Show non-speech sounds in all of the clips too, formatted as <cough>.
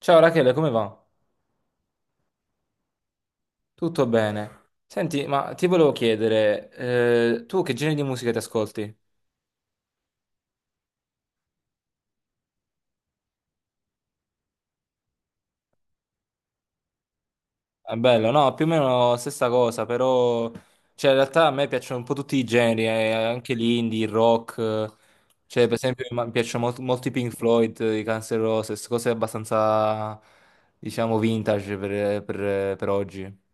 Ciao Rachele, come va? Tutto bene. Senti, ma ti volevo chiedere, tu che genere di musica ti ascolti? È bello, no? Più o meno stessa cosa, però... Cioè, in realtà a me piacciono un po' tutti i generi, anche l'indie, il rock. Cioè, per esempio, mi piacciono molto, molti Pink Floyd, i Guns N' Roses, cose abbastanza, diciamo, vintage per oggi.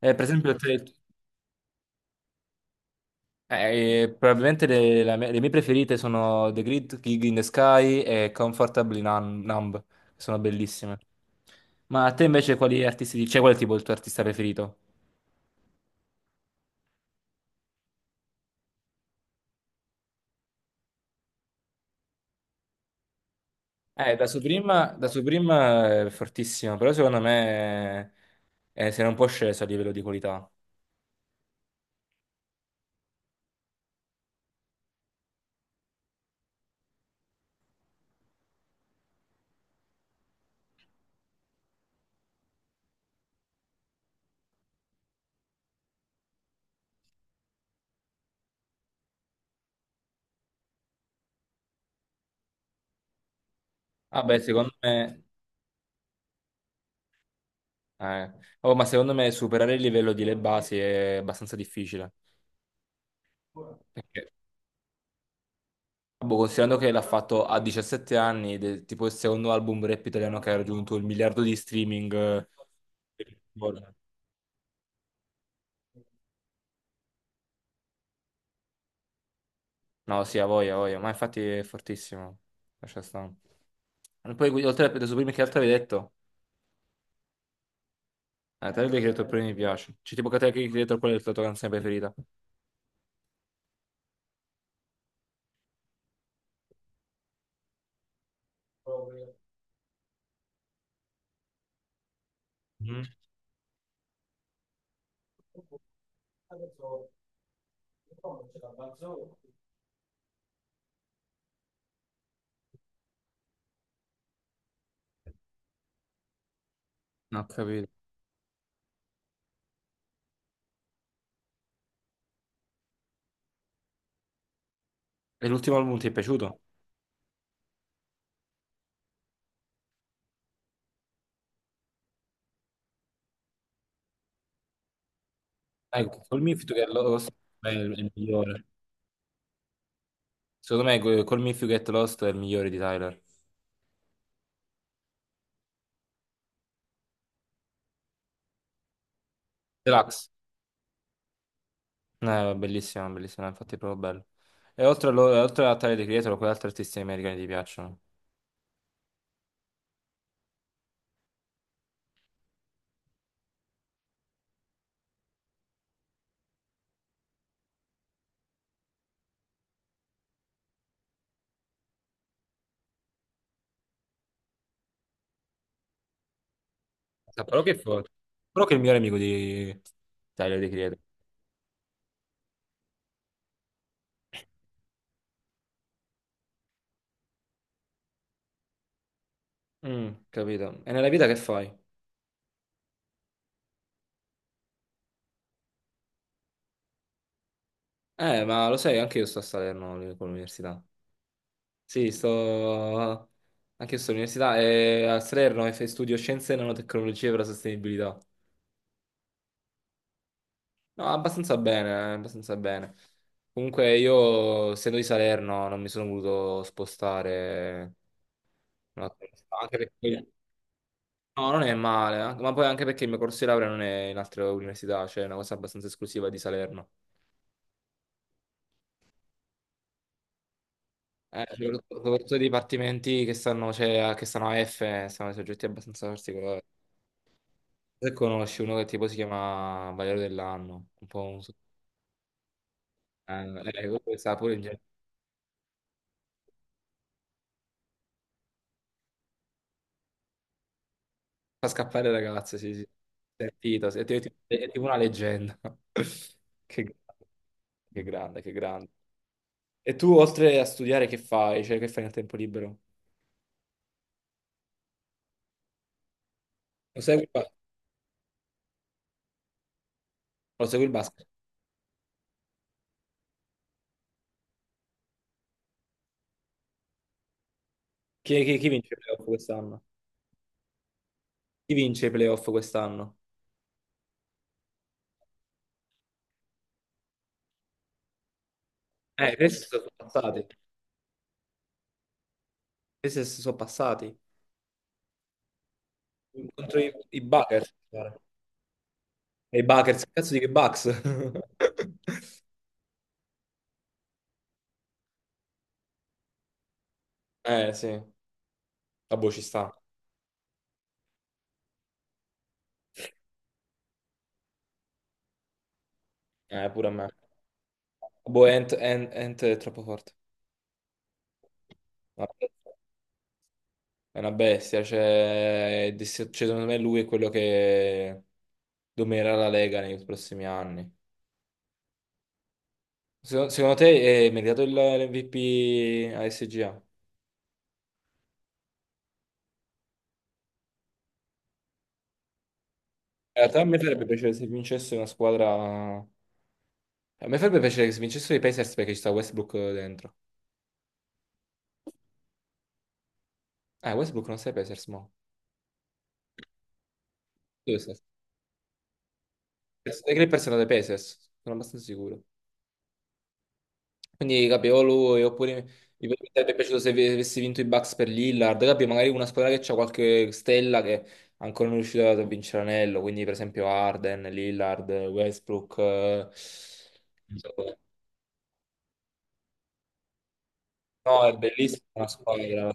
Per esempio, probabilmente le mie preferite sono The Great Gig in the Sky e Comfortably Numb, che sono bellissime. Ma a te invece quali artisti, cioè qual è tipo il tuo artista preferito? Da Supreme è fortissimo, però secondo me si era un po' sceso a livello di qualità. Vabbè, secondo me... eh, oh, ma secondo me superare il livello di Le Basi è abbastanza difficile. Boh, considerando che l'ha fatto a 17 anni, ed è tipo il secondo album rap italiano che ha raggiunto il miliardo di streaming. No, sì, a voglia, ma infatti è fortissimo. Lascia stare. E poi, oltre a Predator Supreme, che altro avevi detto? Te l'avevi detto prima mi piace. C'è tipo che te che hai detto qual è la tua canzone preferita? Mm. Non ho capito. E l'ultimo album ti è piaciuto? Ecco, col Mifid che è lo- è il migliore. Secondo me Call Me If You Get Lost è il migliore di Tyler. Deluxe. Bellissimo, bellissimo, infatti è proprio bello. E oltre a Tyler, The Creator, quali altri artisti americani ti piacciono? Ah, però che forte. Però che è il migliore amico di Tyler, The Creator. Mm, capito. E nella vita che fai? Ma lo sai, anche io sto a Salerno lì, con l'università. Sì, sto... Anche io sto all'università e a Salerno e studio Scienze e Nanotecnologie per la sostenibilità. No, abbastanza bene, abbastanza bene. Comunque io, essendo di Salerno, non mi sono voluto spostare. Un attimo. Anche perché... No, non è male, ma poi anche perché il mio corso di laurea non è in altre università, cioè è una cosa abbastanza esclusiva di Salerno. Soprattutto i dipartimenti che stanno, cioè, che stanno a F, sono soggetti abbastanza particolari. Se conosci uno che tipo si chiama Valerio dell'Anno, un po' un... questo sta pure in fa scappare le ragazze, sì, sì. Sentito, sì, è tipo una leggenda. <laughs> Che grande, che grande, che grande. E tu, oltre a studiare, che fai? Cioè, che fai nel tempo libero? Lo segui il, ba- lo segui il basket? Chi vince i playoff quest'anno? Chi vince i playoff quest'anno? Questi sono passati. Questi sono passati. Contro i Buckers. Che cazzo di che Bucks? <laughs> Sì. La boh, ci sta. Pure a me. Boh, Ant è troppo forte. Vabbè, è una bestia, cioè, cioè, secondo me lui è quello che dominerà la Lega nei prossimi anni. Secondo te è meritato l'MVP a SGA? In realtà a me farebbe piacere se vincesse una squadra... A me farebbe piacere che se vincessero i Pacers perché ci sta Westbrook dentro. Ah, Westbrook non sei Pacers, mo. Dove sei? I Clippers sono dei Pacers, sono abbastanza sicuro. Quindi capevolo e oppure mi sarebbe piaciuto se avessi vinto i Bucks per Lillard, capi? Magari una squadra che ha qualche stella che ancora non è riuscita a vincere l'anello, quindi per esempio Arden, Lillard, Westbrook. No, è bellissima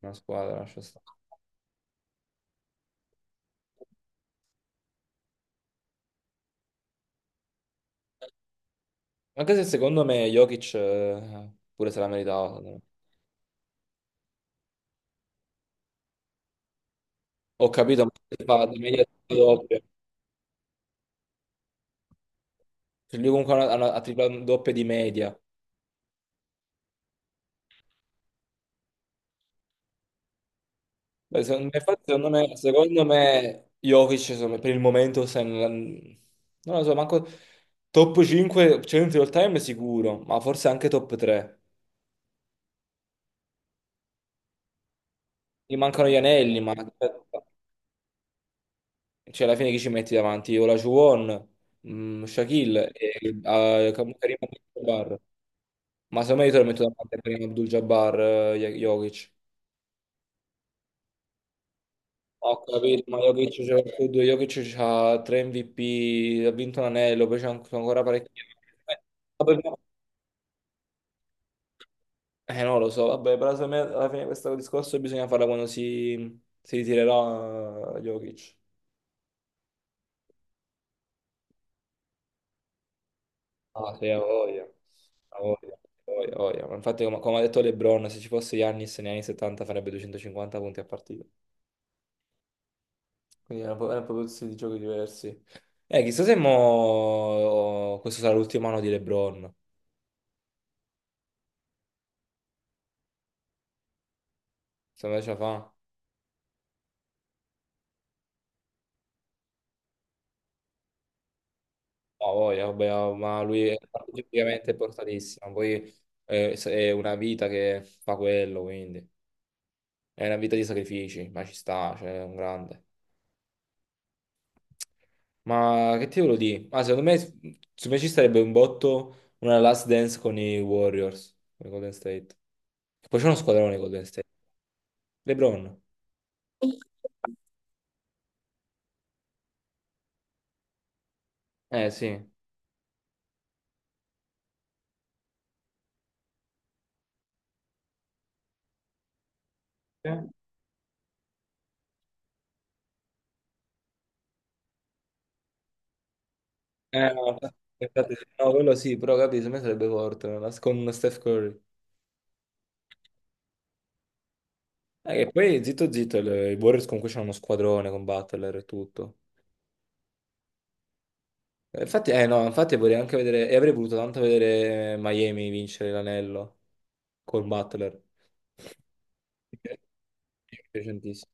una squadra, lascia stare. Anche se secondo me Jokic pure se la meritava. Secondo me. Ho capito, ma fa di media doppia. Cioè, lui comunque ha triplato doppia di media. Beh, secondo me, infatti, secondo me Jokic insomma, per il momento non lo so, manco top 5 centri all time sicuro, ma forse anche top 3. Gli mancano gli anelli, ma cioè, alla fine chi ci metti davanti? Olajuwon, mm, Shaquille e Karim Abdul-Jabbar. Ma secondo me io te lo metto davanti a Karim Abdul-Jabbar, Jokic. Ho capito, ma Jokic c'è tutto, Jokic c'ha 3 MVP, ha vinto un anello, poi ancora parecchi. Eh, Vabbè, eh, non lo so, vabbè, però secondo me alla fine questo discorso bisogna farlo quando si ritirerà Jokic. Ah, sì, ha voglia. Ha voglia. Ha voglia, ha voglia. Ma infatti, come ha detto LeBron, se ci fosse Giannis negli anni 70 farebbe 250 punti a partita. Quindi erano proprio stili di giochi diversi. Chissà se mo... oh, questo sarà l'ultimo anno di LeBron. Se me ce la fa. No, ha voglia, vabbè, ma lui è praticamente portatissimo. Poi è una vita che fa quello, quindi. È una vita di sacrifici, ma ci sta, cioè, è un grande. Ma che ti volevo dire? Ah, secondo me ci sarebbe un botto una Last Dance con i Warriors, con i Golden State. Poi c'è uno squadrone Golden State. LeBron. Sì. Eh? No, infatti, no, quello sì, però capito, secondo me sarebbe forte, una con Steph Curry. Che poi, zitto zitto, i Warriors comunque c'hanno uno squadrone con Butler e tutto. Infatti, eh no, infatti vorrei anche vedere, e avrei voluto tanto vedere Miami vincere l'anello col Butler. Perché mi è piaciutissimo.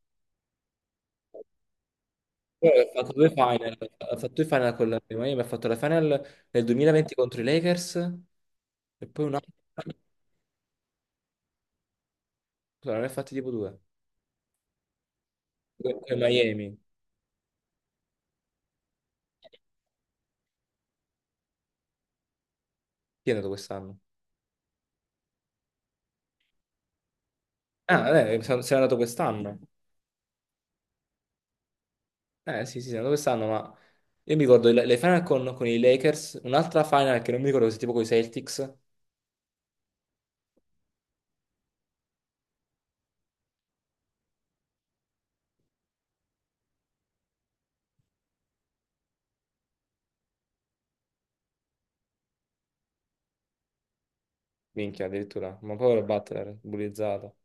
Poi ha fatto due final, ha fatto due final con la Miami, ha fatto la final nel 2020 contro i Lakers e poi un'altra, scusa, ne ha fatti tipo due, con Miami. Chi è andato quest'anno? Ah, se n'è andato quest'anno. Eh sì, sì, se n'è andato quest'anno, ma io mi ricordo le final con i Lakers, un'altra final che non mi ricordo se tipo con i Celtics. Minchia, addirittura. Ma povero Butler, bullizzato.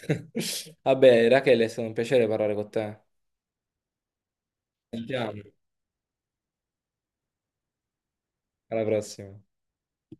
<laughs> Vabbè, Rachele, è stato un piacere parlare con te. Ci sentiamo. Alla prossima.